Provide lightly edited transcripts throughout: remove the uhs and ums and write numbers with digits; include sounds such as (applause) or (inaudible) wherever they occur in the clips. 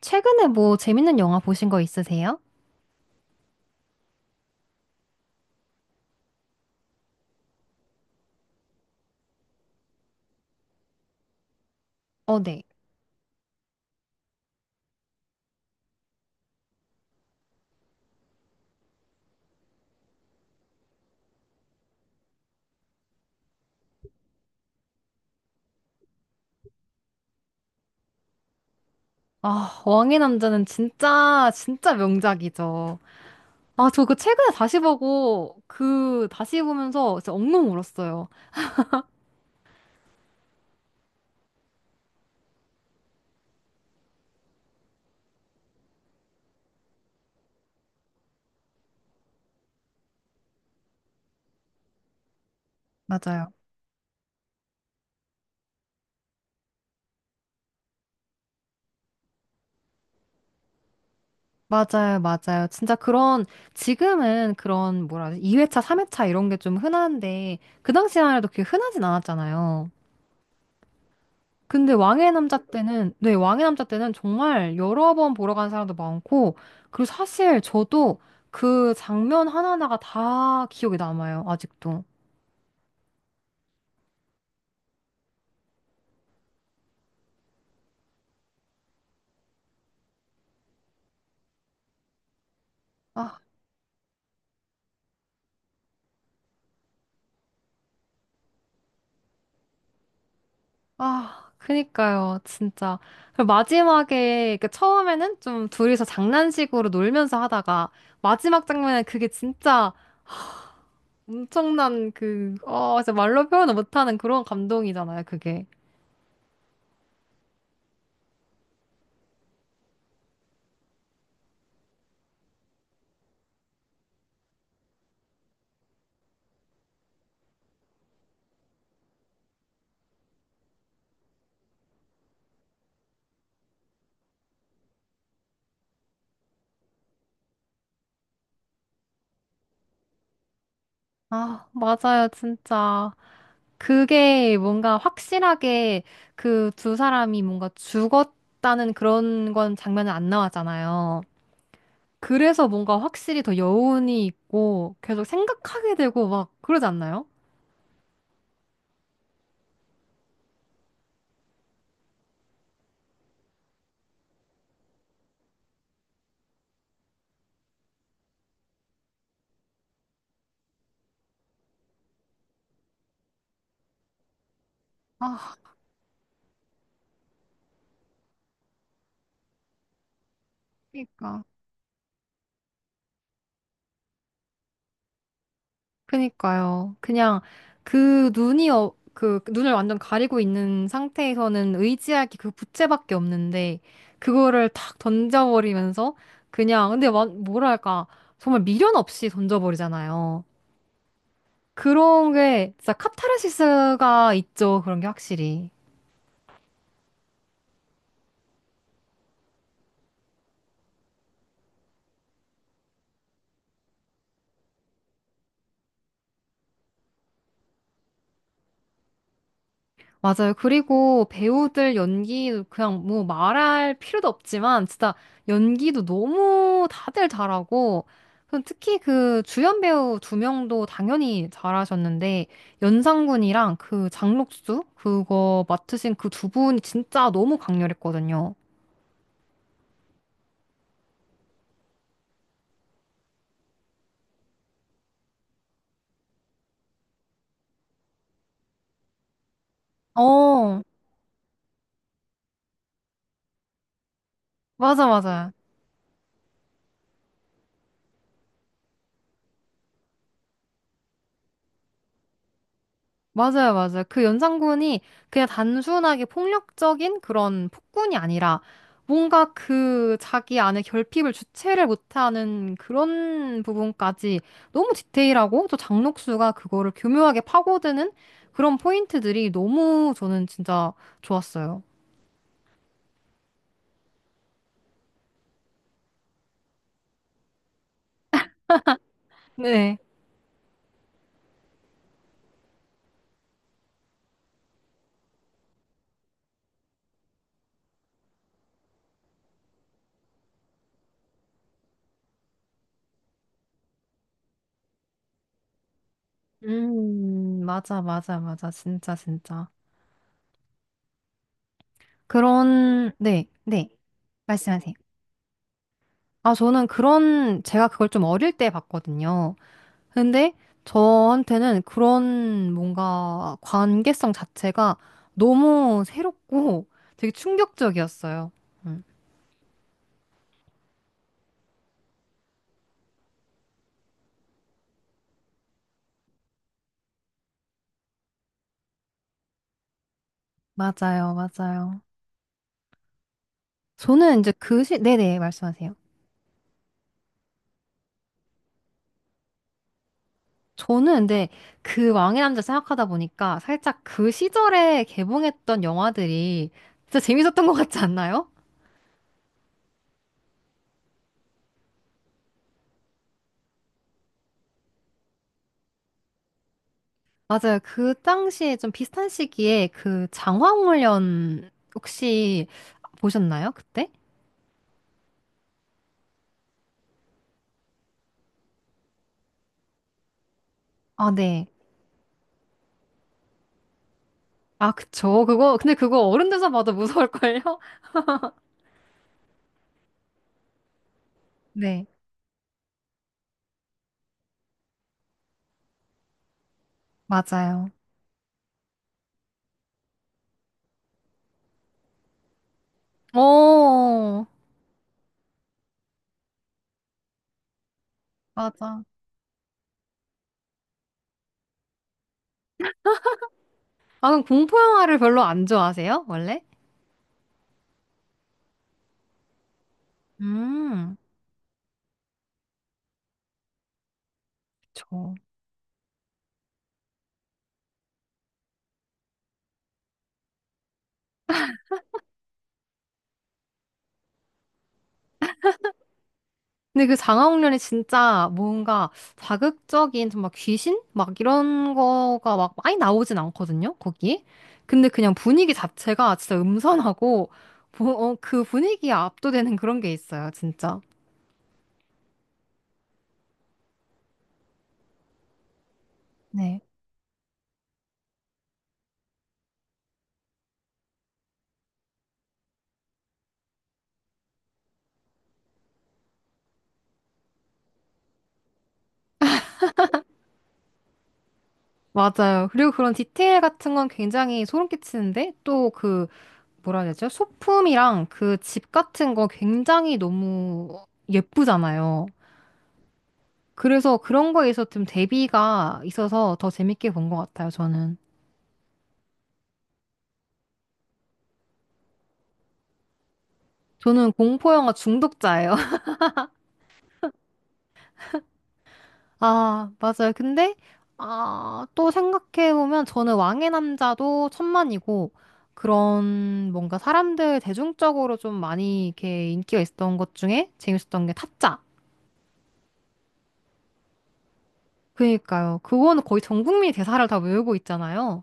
최근에 뭐 재밌는 영화 보신 거 있으세요? 어, 네. 아, 왕의 남자는 진짜, 진짜 명작이죠. 아, 저 그 최근에 다시 보고, 그, 다시 보면서 진짜 엉엉 울었어요. 맞아요. 맞아요, 맞아요. 진짜 그런, 지금은 그런, 뭐라 하지? 2회차, 3회차 이런 게 좀 흔한데, 그 당시만 해도 그게 흔하진 않았잖아요. 근데 왕의 남자 때는, 네, 왕의 남자 때는 정말 여러 번 보러 간 사람도 많고, 그리고 사실 저도 그 장면 하나하나가 다 기억에 남아요, 아직도. 아, 아, 그니까요, 진짜. 그리고 마지막에, 그 처음에는 좀 둘이서 장난식으로 놀면서 하다가, 마지막 장면에 그게 진짜 엄청난 그, 어, 진짜 말로 표현을 못하는 그런 감동이잖아요, 그게. 아, 맞아요, 진짜. 그게 뭔가 확실하게 그 두 사람이 뭔가 죽었다는 그런 건 장면은 안 나왔잖아요. 그래서 뭔가 확실히 더 여운이 있고 계속 생각하게 되고 막 그러지 않나요? 아, 그러니까. 그니까요. 그냥 그 눈이 어, 그 눈을 완전 가리고 있는 상태에서는 의지할 게 그 부채밖에 없는데 그거를 탁 던져버리면서 그냥 근데 와- 뭐랄까 정말 미련 없이 던져버리잖아요. 그런 게 진짜 카타르시스가 있죠. 그런 게 확실히. 맞아요. 그리고 배우들 연기도 그냥 뭐 말할 필요도 없지만 진짜 연기도 너무 다들 잘하고 그럼 특히 그 주연 배우 두 명도 당연히 잘하셨는데 연상군이랑 그 장록수 그거 맡으신 그 두 분이 진짜 너무 강렬했거든요. 어, 맞아, 맞아. 맞아요, 맞아요. 그 연산군이 그냥 단순하게 폭력적인 그런 폭군이 아니라 뭔가 그 자기 안에 결핍을 주체를 못하는 그런 부분까지 너무 디테일하고 또 장녹수가 그거를 교묘하게 파고드는 그런 포인트들이 너무 저는 진짜 좋았어요. 네. 맞아, 맞아, 맞아. 진짜, 진짜. 그런, 네, 네. 말씀하세요. 아, 저는 그런, 제가 그걸 좀 어릴 때 봤거든요. 근데 저한테는 그런 뭔가 관계성 자체가 너무 새롭고 되게 충격적이었어요. 음, 맞아요, 맞아요. 저는 이제 그 시, 네네, 말씀하세요. 저는 근데 그 왕의 남자 생각하다 보니까 살짝 그 시절에 개봉했던 영화들이 진짜 재밌었던 것 같지 않나요? 맞아요. 그 당시에 좀 비슷한 시기에 그 장화홍련 혹시 보셨나요? 그때? 아, 네. 아, 그쵸. 그거, 근데 그거 어른 돼서 봐도 무서울걸요? (laughs) 네, 맞아요. 어. 맞아. 아, 그럼 공포 영화를 별로 안 좋아하세요? 원래? 음, 그렇죠. 근데 그 장화홍련이 진짜 뭔가 자극적인 정말 귀신? 막 이런 거가 막 많이 나오진 않거든요, 거기. 근데 그냥 분위기 자체가 진짜 음산하고, 뭐, 어, 그 분위기에 압도되는 그런 게 있어요, 진짜. 맞아요. 그리고 그런 디테일 같은 건 굉장히 소름 끼치는데 또 그 뭐라 해야 되죠? 소품이랑 그 집 같은 거 굉장히 너무 예쁘잖아요. 그래서 그런 거에 있어서 좀 대비가 있어서 더 재밌게 본 것 같아요, 저는. 저는 공포 영화 중독자예요. (laughs) 아, 맞아요. 근데 아, 또 생각해 보면 저는 왕의 남자도 천만이고 그런 뭔가 사람들 대중적으로 좀 많이 이렇게 인기가 있었던 것 중에 재밌었던 게 타짜. 그니까요. 그거는 거의 전 국민이 대사를 다 외우고 있잖아요.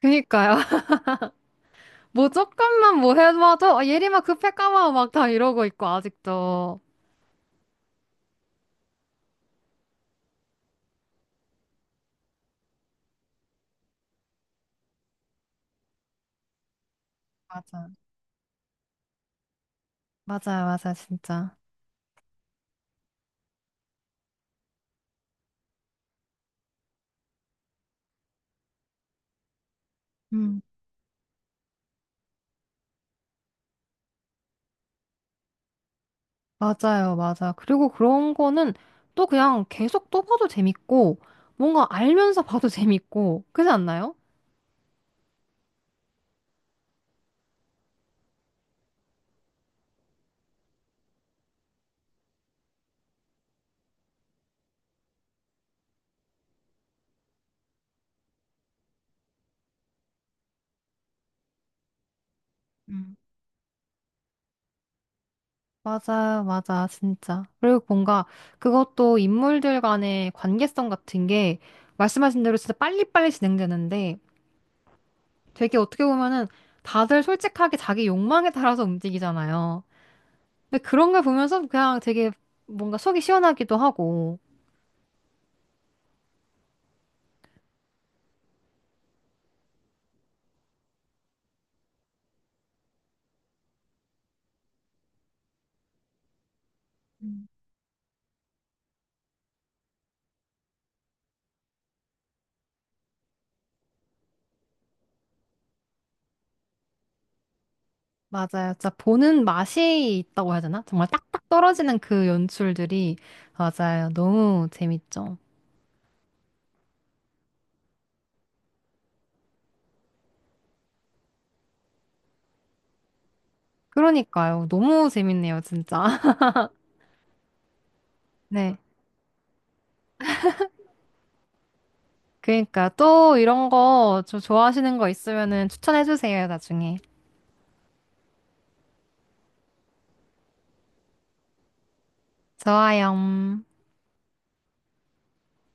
그니까요. (laughs) 뭐 조금만 뭐 해봐도 아, 예림아 급해 까마워 막 다 이러고 있고 아직도. 맞아. 맞아요, 맞아요, 진짜. 음. 맞아요, 맞아. 그리고 그런 거는 또 그냥 계속 또 봐도 재밌고 뭔가 알면서 봐도 (laughs) 재밌고 그렇지 않나요? 음. 맞아요, 맞아, 진짜. 그리고 뭔가 그것도 인물들 간의 관계성 같은 게 말씀하신 대로 진짜 빨리빨리 진행되는데 되게 어떻게 보면은 다들 솔직하게 자기 욕망에 따라서 움직이잖아요. 근데 그런 걸 보면서 그냥 되게 뭔가 속이 시원하기도 하고. 맞아요. 진짜 보는 맛이 있다고 해야 되나? 정말 딱딱 떨어지는 그 연출들이 맞아요. 너무 재밌죠. 그러니까요. 너무 재밌네요, 진짜. (laughs) 네. 그러니까 또 이런 거 저 좋아하시는 거 있으면은 추천해 주세요, 나중에. 좋아요.